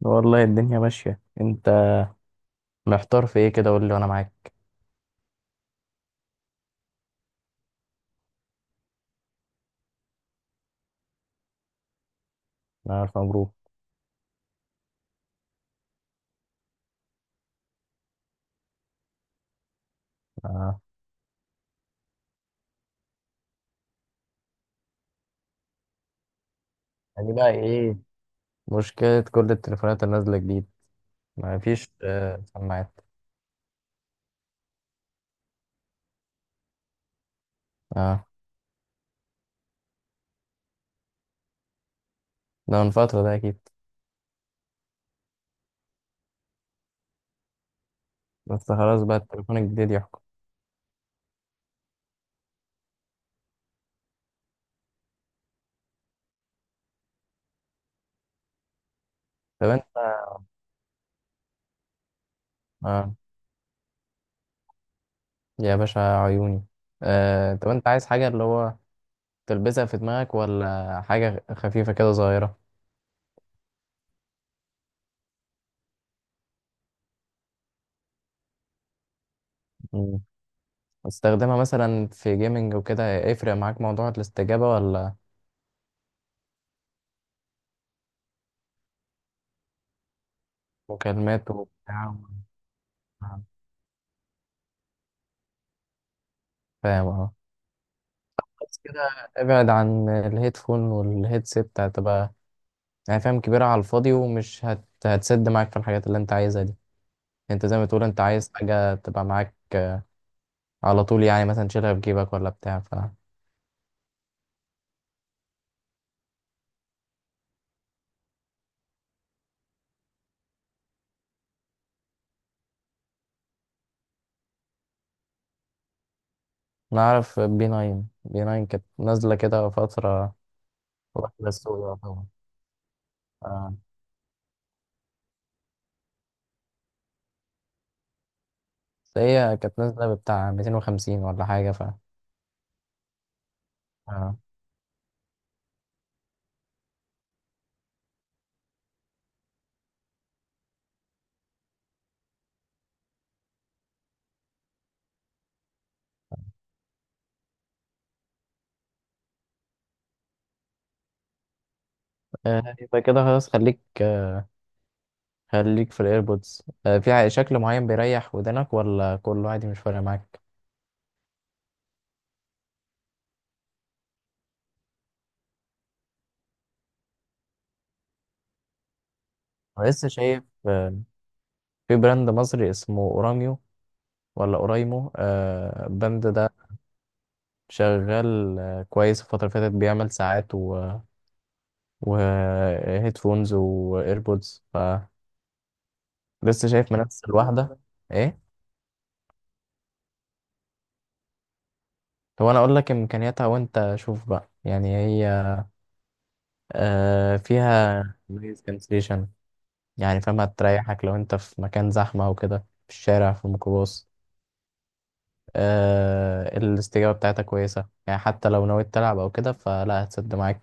والله الدنيا ماشية. انت محتار في ايه كده؟ قول لي وانا معاك. انا الف مبروك. آه. يعني بقى ايه؟ مشكلة كل التليفونات اللي نازلة جديد، ما فيش سماعات. اه، ده من فترة ده اكيد. بس خلاص بقى التليفون الجديد يحكم. طب انت؟ اه، يا باشا عيوني. آه. طب انت عايز حاجة اللي هو تلبسها في دماغك ولا حاجة خفيفة كده صغيرة؟ مم. استخدمها مثلا في جيمنج وكده، يفرق معاك موضوع الاستجابة ولا مكالمات وبتاع؟ فاهم اه. بس كده، ابعد عن الهيدفون والهيدسيت، هتبقى يعني فاهم كبيرة على الفاضي، ومش هتسد معاك في الحاجات اللي انت عايزها دي. انت زي ما تقول، انت عايز حاجة تبقى معاك على طول، يعني مثلا تشيلها في جيبك ولا بتاع ف نعرف. بي 9، بي 9 كانت نازلة كده فترة، واحدة السوق طبعا. آه. بس هي كانت نازلة بتاع 250 ولا حاجة ف. آه. يبقى كده خلاص، خليك خليك في الايربودز. في شكل معين بيريح ودنك، ولا كله عادي مش فارق معاك؟ أنا لسه شايف في براند مصري اسمه اوراميو، ولا اورايمو، البراند ده شغال كويس الفترة اللي فاتت، بيعمل ساعات و وهيدفونز وايربودز فلسه، شايف منافسة الواحدة. ايه؟ طب انا اقول لك امكانياتها وانت شوف بقى، يعني هي فيها نويز كانسليشن، يعني فاهمة تريحك لو انت في مكان زحمة وكده، في الشارع في الميكروباص. الاستجابة بتاعتها كويسة، يعني حتى لو نويت تلعب أو كده فلا هتسد معاك.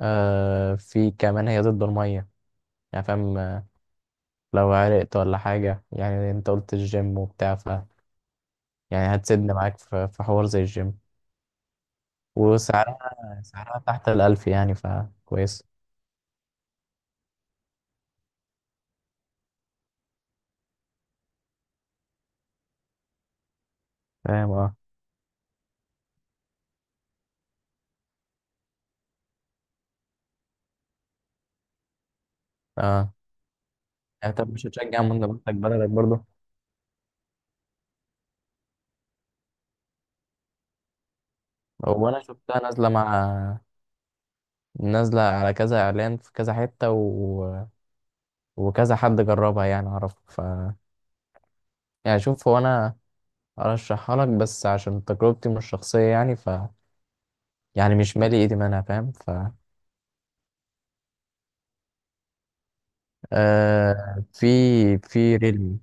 في كمان هي ضد المية، يعني فاهم، لو عرقت ولا حاجة، يعني أنت قلت الجيم وبتاع ف، يعني هتسد معاك في حوار زي الجيم. وسعرها تحت الـ1000 يعني فكويس. فاهم اه. اه. يعني طب مش هتشجع منتج بلدك برضه؟ هو أنا شفتها نازلة مع، نازلة على كذا إعلان في كذا حتة وكذا حد جربها يعني أعرف. يعني شوف، هو انا ارشحها لك، بس عشان تجربتي مش شخصيه، يعني ف، يعني مش مالي ايدي منها فاهم ف آه في في ريلمي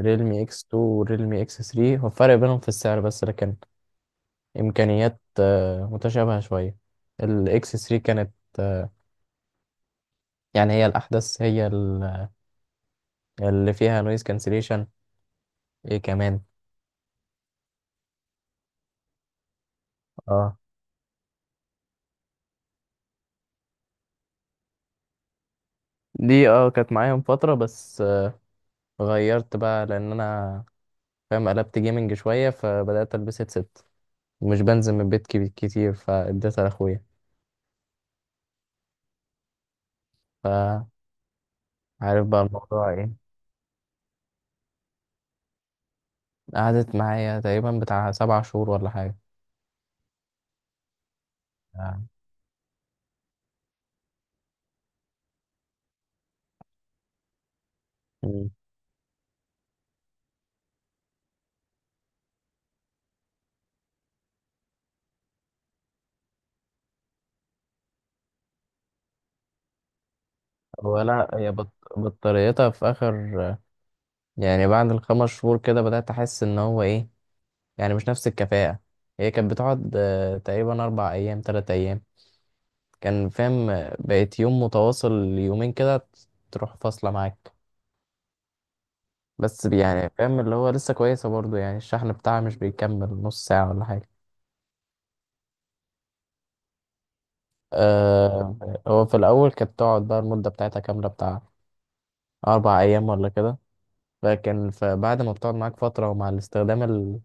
ريلمي اكس 2 وريلمي اكس 3، هو الفرق بينهم في السعر بس، لكن امكانيات متشابهه شويه. الاكس 3 كانت آه يعني هي الاحدث، هي اللي فيها نويز كانسليشن. ايه كمان؟ اه. دي اه كانت معايا من فتره، بس غيرت بقى، لان انا فاهم قلبت جيمنج شويه، فبدات البس هيدسيت ومش بنزل من البيت كتير، فاديتها لاخويا فعارف بقى الموضوع ايه. قعدت معايا تقريبا بتاع 7 شهور ولا حاجة. آه. مم. ولا هي بطاريتها في اخر، يعني بعد الـ5 شهور كده بدأت احس ان هو ايه، يعني مش نفس الكفاءة. هي كانت بتقعد تقريبا 4 ايام 3 ايام، كان فاهم بقيت يوم متواصل يومين كده، تروح فاصلة معاك. بس يعني فاهم اللي هو لسه كويسة برضو، يعني الشحن بتاعها مش بيكمل نص ساعة ولا حاجة. آه. هو في الأول كانت تقعد بقى المدة بتاعتها كاملة بتاع 4 أيام ولا كده، لكن فبعد ما بتقعد معاك فترة ومع الاستخدام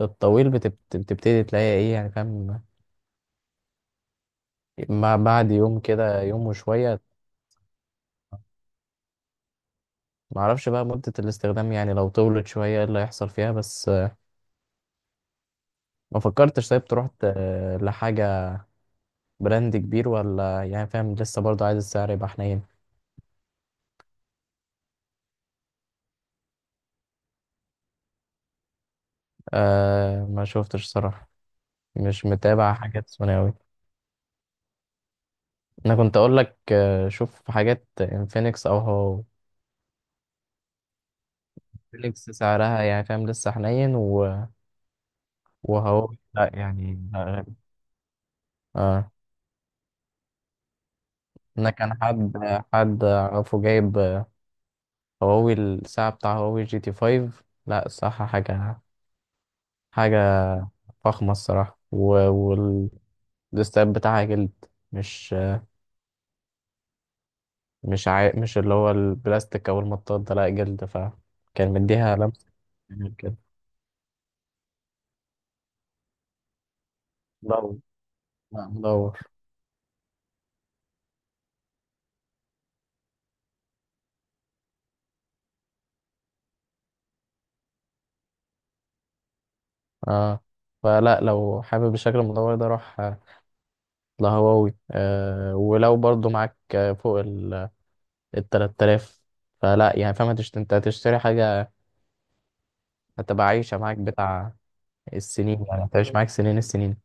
الطويل بتبتدي تلاقي إيه، يعني فاهم ما بعد يوم كده يوم وشوية. معرفش بقى مدة الاستخدام، يعني لو طولت شوية إيه اللي هيحصل فيها، بس ما فكرتش طيب تروح لحاجة براند كبير، ولا يعني فاهم لسه برضو عايز السعر يبقى حنين. ما شفتش صراحة، مش متابع حاجات ثانوي. انا كنت اقول لك شوف حاجات انفينكس، او هو فينيكس، سعرها يعني فاهم لسه حنين وهو لا يعني، لا غالي. اه. انا كان حد اعرفه جايب هواوي، الساعه بتاع هواوي جي تي 5. لا الصراحه حاجه فخمه الصراحه، والاستاب بتاعها جلد، مش آه، مش عا... مش اللي هو البلاستيك او المطاط ده، لا جلد، فكان مديها لمسه جميل كده. مدور؟ لا مدور. اه، فلا لو حابب الشكل المدور ده، روح لهواوي. ولو برضو معاك فوق ال 3000، فلا يعني فاهم انت هتشتري حاجة هتبقى عايشة معاك بتاع السنين، يعني هتعيش معاك سنين السنين.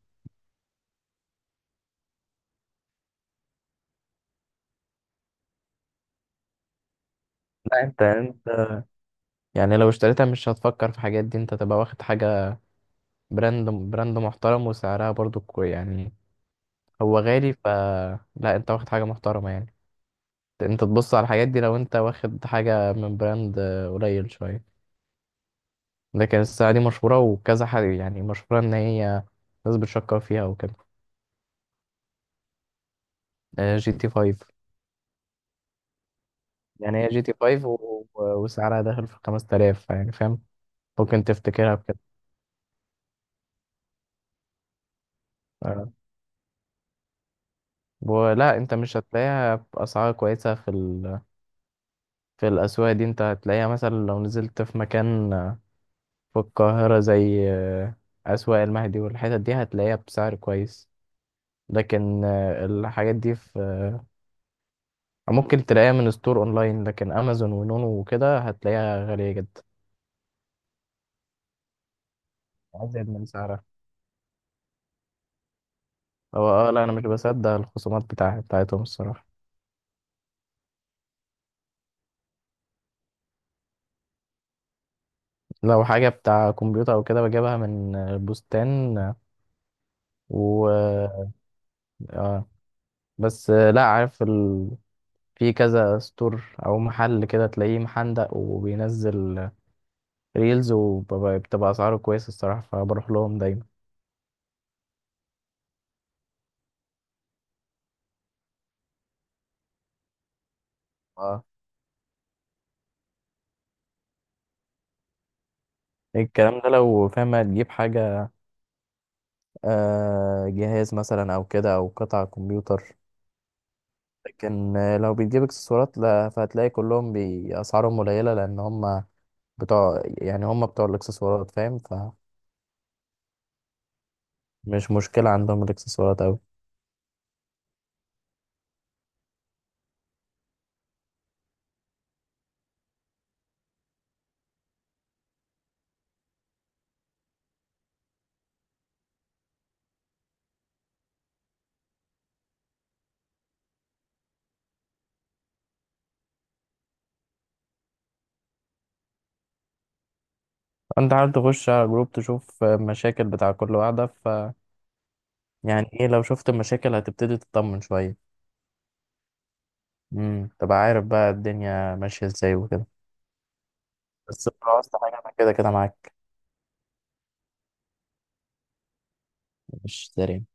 لا انت يعني، لو اشتريتها مش هتفكر في حاجات دي، انت تبقى واخد حاجة براند محترم، وسعرها برضو كوي يعني، هو غالي ف، لا انت واخد حاجة محترمة يعني. انت تبص على الحاجات دي لو انت واخد حاجة من براند قليل شوية، لكن الساعة دي مشهورة وكذا حد، يعني مشهورة إن هي ناس بتشكر فيها وكده. جي تي فايف. يعني هي جي تي فايف وسعرها داخل في 5 تلاف، يعني فاهم ممكن تفتكرها بكده. آه. ولا أنت مش هتلاقيها بأسعار كويسة في الأسواق دي. أنت هتلاقيها مثلا لو نزلت في مكان في القاهرة زي أسواق المهدي والحتت دي، هتلاقيها بسعر كويس. لكن الحاجات دي في، ممكن تلاقيها من ستور اونلاين، لكن امازون ونونو وكده هتلاقيها غالية جدا، ازيد من سعرها. هو اه، لا انا مش بصدق الخصومات بتاعتهم الصراحة. لو حاجة بتاع كمبيوتر او كده بجيبها من بستان و، اه بس لا عارف في كذا ستور او محل كده تلاقيه محندق، وبينزل ريلز، وبتبقى اسعاره كويسة الصراحة فبروح لهم دايما. اه الكلام ده لو فاهم هتجيب حاجة جهاز مثلا او كده، او قطع كمبيوتر، لكن لو بتجيب اكسسوارات لا، فهتلاقي كلهم بأسعارهم قليلة، لأن هم بتوع، يعني هم بتوع الاكسسوارات فاهم، فمش مشكلة عندهم الاكسسوارات أوي. أنت عارف تخش على جروب تشوف مشاكل بتاع كل واحدة ف يعني إيه، لو شفت مشاكل هتبتدي تطمن شوية. تبقى عارف بقى الدنيا ماشية ازاي وكده. بس لو عاوزت حاجة أنا كده كده معاك. مش داري.